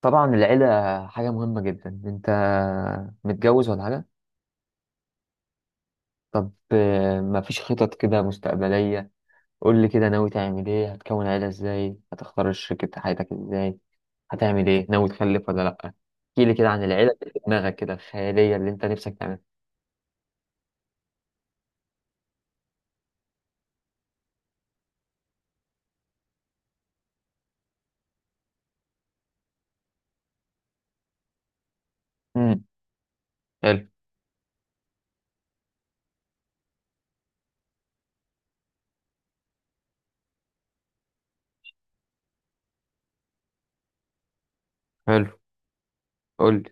طبعا العيلة حاجة مهمة جدا. انت متجوز ولا حاجة؟ طب مفيش خطط كده مستقبلية. قول لي كده، ناوي تعمل ايه، هتكون عيلة ازاي، هتختار شريكة حياتك ازاي، هتعمل ايه، ناوي تخلف ولا لأ؟ احكي لي كده عن العيلة اللي في دماغك كده الخيالية اللي انت نفسك تعملها. امم، حلو. حلو، قول لي.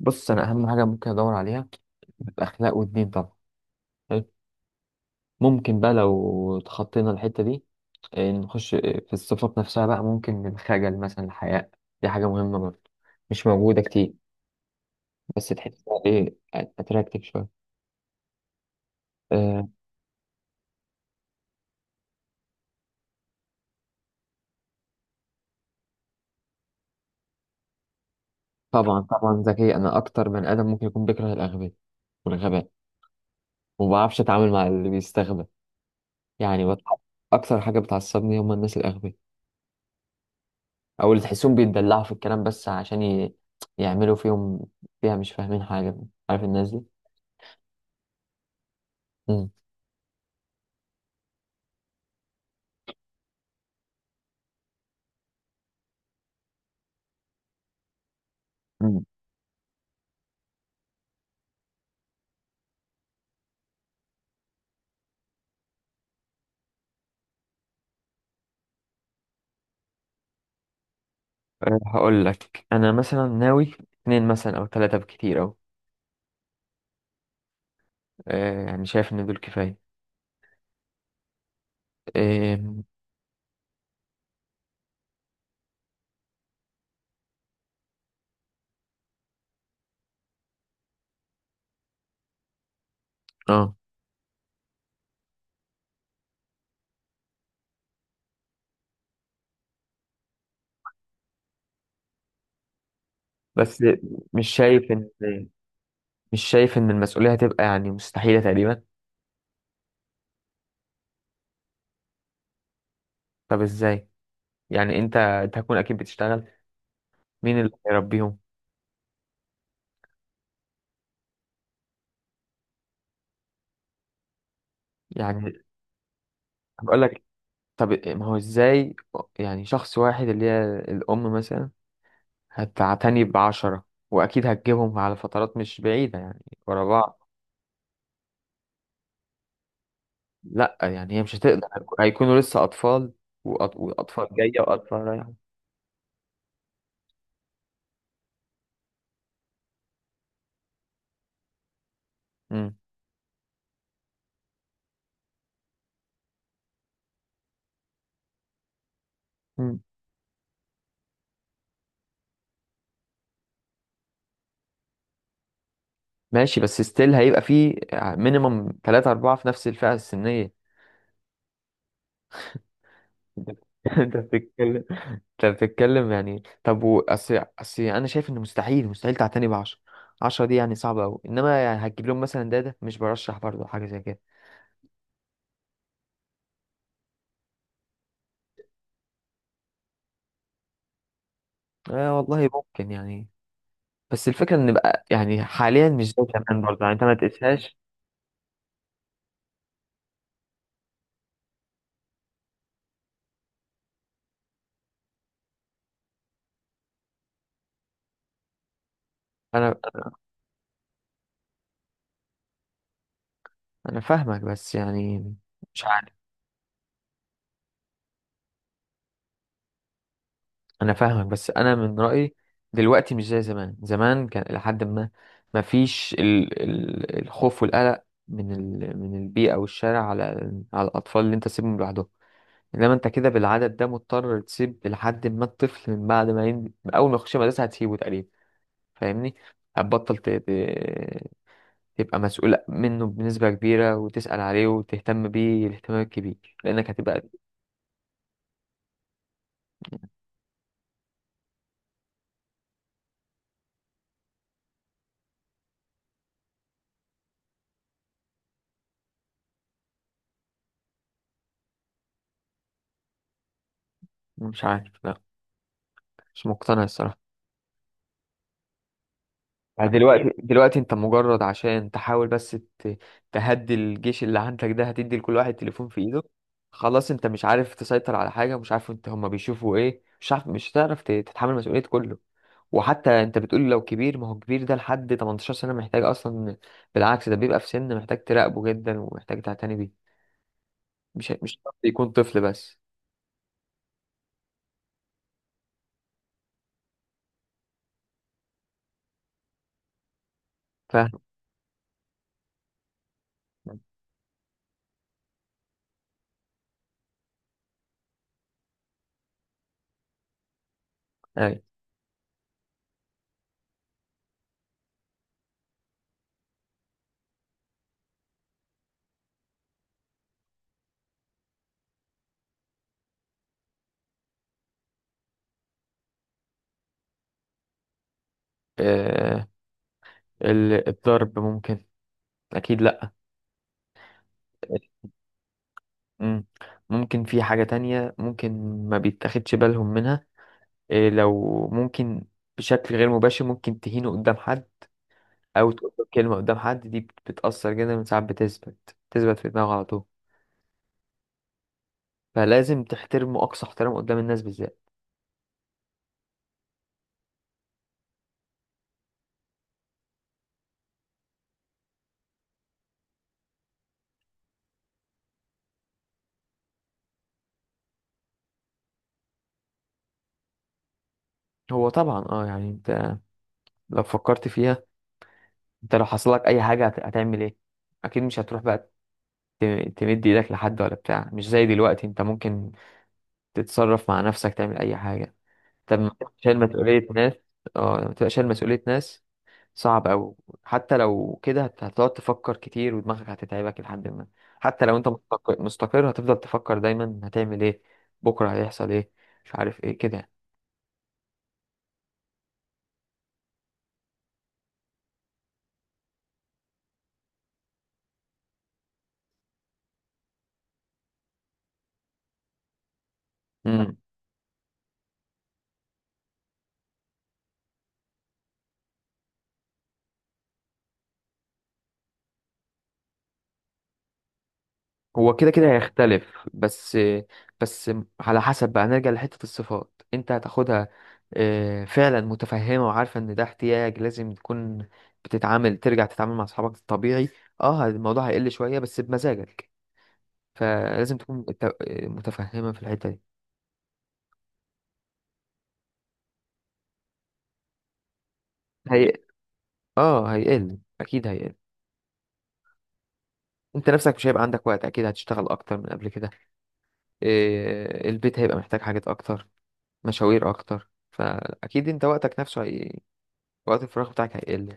بص، انا اهم حاجة ممكن ادور عليها اخلاق ودين طبعا. حلو. ممكن بقى لو تخطينا الحتة دي، نخش في الصفات نفسها بقى، ممكن الخجل مثلا، الحياء، دي حاجة مهمة برضه، مش موجودة كتير، بس تحسها أتراكتيف شوية. آه، طبعا طبعا، ذكي. أنا أكتر من آدم ممكن يكون بيكره الأغبياء والغباء، وما بعرفش أتعامل مع اللي بيستغبى يعني، أكتر حاجة بتعصبني هم الناس الأغبياء، أو اللي تحسهم بيتدلعوا في الكلام بس عشان يعملوا فيها، مش فاهمين حاجة. عارف الناس دي؟ مم. مم. هقول لك أنا مثلا ناوي اتنين مثلا أو تلاتة، بكتير أوي. يعني شايف ان دول كفايه. اه. آه. بس مش شايف ان مش شايف ان المسؤوليه هتبقى يعني مستحيله تقريبا. طب ازاي يعني؟ انت هتكون اكيد بتشتغل، مين اللي هيربيهم يعني؟ بقول لك، طب ما هو ازاي يعني؟ شخص واحد اللي هي الام مثلا هتعتني بعشرة، واكيد هتجيبهم على فترات مش بعيده يعني، ورا بعض. لا يعني هي مش هتقدر، هيكونوا لسه اطفال، واطفال جايه واطفال رايحه. مم. مم. ماشي، بس ستيل هيبقى فيه مينيمم ثلاثة أربعة في نفس الفئة السنية. انت انت بتتكلم. انت بتتكلم يعني. طب اصل انا شايف ان مستحيل مستحيل تعتني بعشرة. عشرة عشرة دي يعني صعبة أوي، إنما يعني هتجيب لهم مثلا، ده مش برشح برضه حاجة زي كده. آه والله، ممكن يعني. بس الفكرة إن بقى يعني، حاليا مش زي زمان برضه يعني، أنت ما تقيسهاش. أنا أنا فاهمك بس يعني. مش عارف. انا فاهمك بس انا من رايي دلوقتي، مش زي زمان. زمان كان الى حد ما ما فيش الخوف والقلق من من البيئه والشارع على الاطفال اللي انت تسيبهم لوحدهم. انما انت كده بالعدد ده مضطر تسيب، لحد ما الطفل من بعد ما اول ما يخش مدرسه هتسيبه تقريبا. فاهمني. هتبطل ت... ت- تبقى مسؤول منه بنسبه كبيره وتسال عليه وتهتم بيه الاهتمام الكبير لانك هتبقى. مش عارف، لا. مش مقتنع الصراحه. يعني دلوقتي دلوقتي انت مجرد عشان تحاول بس ت- تهدي الجيش اللي عندك ده، هتدي لكل واحد تليفون في ايده. خلاص، انت مش عارف تسيطر على حاجة، مش عارف انت هما بيشوفوا ايه، مش عارف، مش هتعرف تتحمل مسؤولية كله. وحتى انت بتقول لو كبير، ما هو كبير ده لحد 18 سنة محتاج اصلا. بالعكس، ده بيبقى في سن محتاج تراقبه جدا ومحتاج تعتني بيه، مش شرط يكون طفل بس. فاهم. اي، اه، الضرب ممكن. اكيد لا. مم. ممكن في حاجة تانية، ممكن ما بيتاخدش بالهم منها. إيه، لو ممكن، بشكل غير مباشر ممكن تهينه قدام حد، أو تقول له كلمة قدام حد، دي بتأثر جدا، من ساعات بتثبت بتثبت في دماغه على طول. فلازم تحترمه أقصى احترام قدام الناس بالذات. هو طبعا، اه يعني، انت لو فكرت فيها، انت لو حصل لك أي حاجة هتعمل ايه؟ أكيد مش هتروح بقى تمد ايدك لحد ولا بتاع. مش زي دلوقتي انت ممكن تتصرف مع نفسك، تعمل أي حاجة. انت لما تبقى شايل مسؤولية ناس، اه لما تبقى شايل مسؤولية ناس، صعب أوي. حتى لو كده هتقعد تفكر كتير، ودماغك هتتعبك لحد ما، حتى لو انت مستقر، هتفضل تفكر دايما هتعمل ايه؟ بكرة هيحصل ايه؟ مش عارف ايه كده. امم هو كده كده هيختلف، بس. بس على حسب بقى، نرجع لحتة الصفات انت هتاخدها. اه، فعلا متفهمة وعارفة ان ده احتياج، لازم تكون ترجع تتعامل مع اصحابك الطبيعي. اه الموضوع هيقل شوية بس بمزاجك، فلازم تكون متفهمة في الحتة دي. هي اه هيقل اكيد هيقل. انت نفسك مش هيبقى عندك وقت، اكيد هتشتغل اكتر من قبل كده. البيت هيبقى محتاج حاجات اكتر، مشاوير اكتر، فاكيد انت وقتك نفسه وقت الفراغ بتاعك هيقل.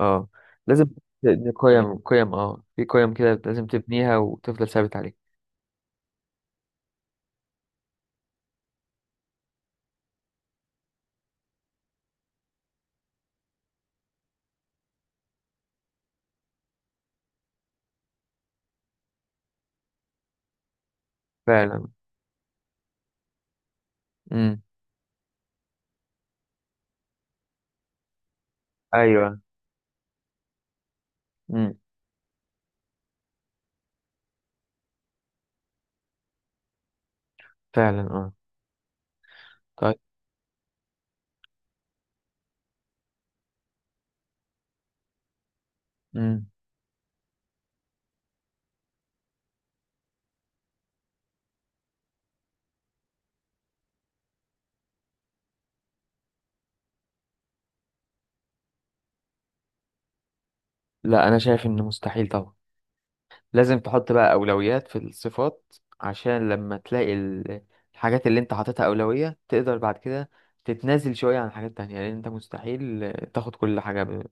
اه، لازم قيم قيم، اه في قيم كده لازم تبنيها وتفضل ثابت عليها. فعلا. امم. ايوه. امم. فعلا، اه. طيب. امم. لا، انا شايف انه مستحيل طبعا. لازم تحط بقى أولويات في الصفات، عشان لما تلاقي الحاجات اللي انت حاططها أولوية، تقدر بعد كده تتنازل شوية عن حاجات تانية، لأن انت مستحيل تاخد كل حاجة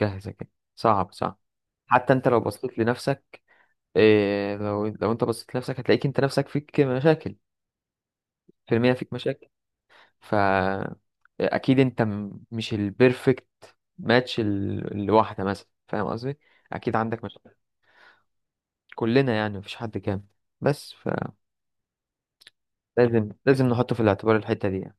جاهزة كده. صعب صعب. حتى انت لو بصيت لنفسك، لو انت بصيت لنفسك هتلاقيك انت نفسك فيك مشاكل. في المية فيك مشاكل. فا أكيد انت مش البيرفكت ماتش لواحدة مثلا، فاهم قصدي؟ أكيد عندك مشاكل. كلنا يعني، مفيش حد كامل. بس لازم نحطه في الاعتبار الحتة دي يعني.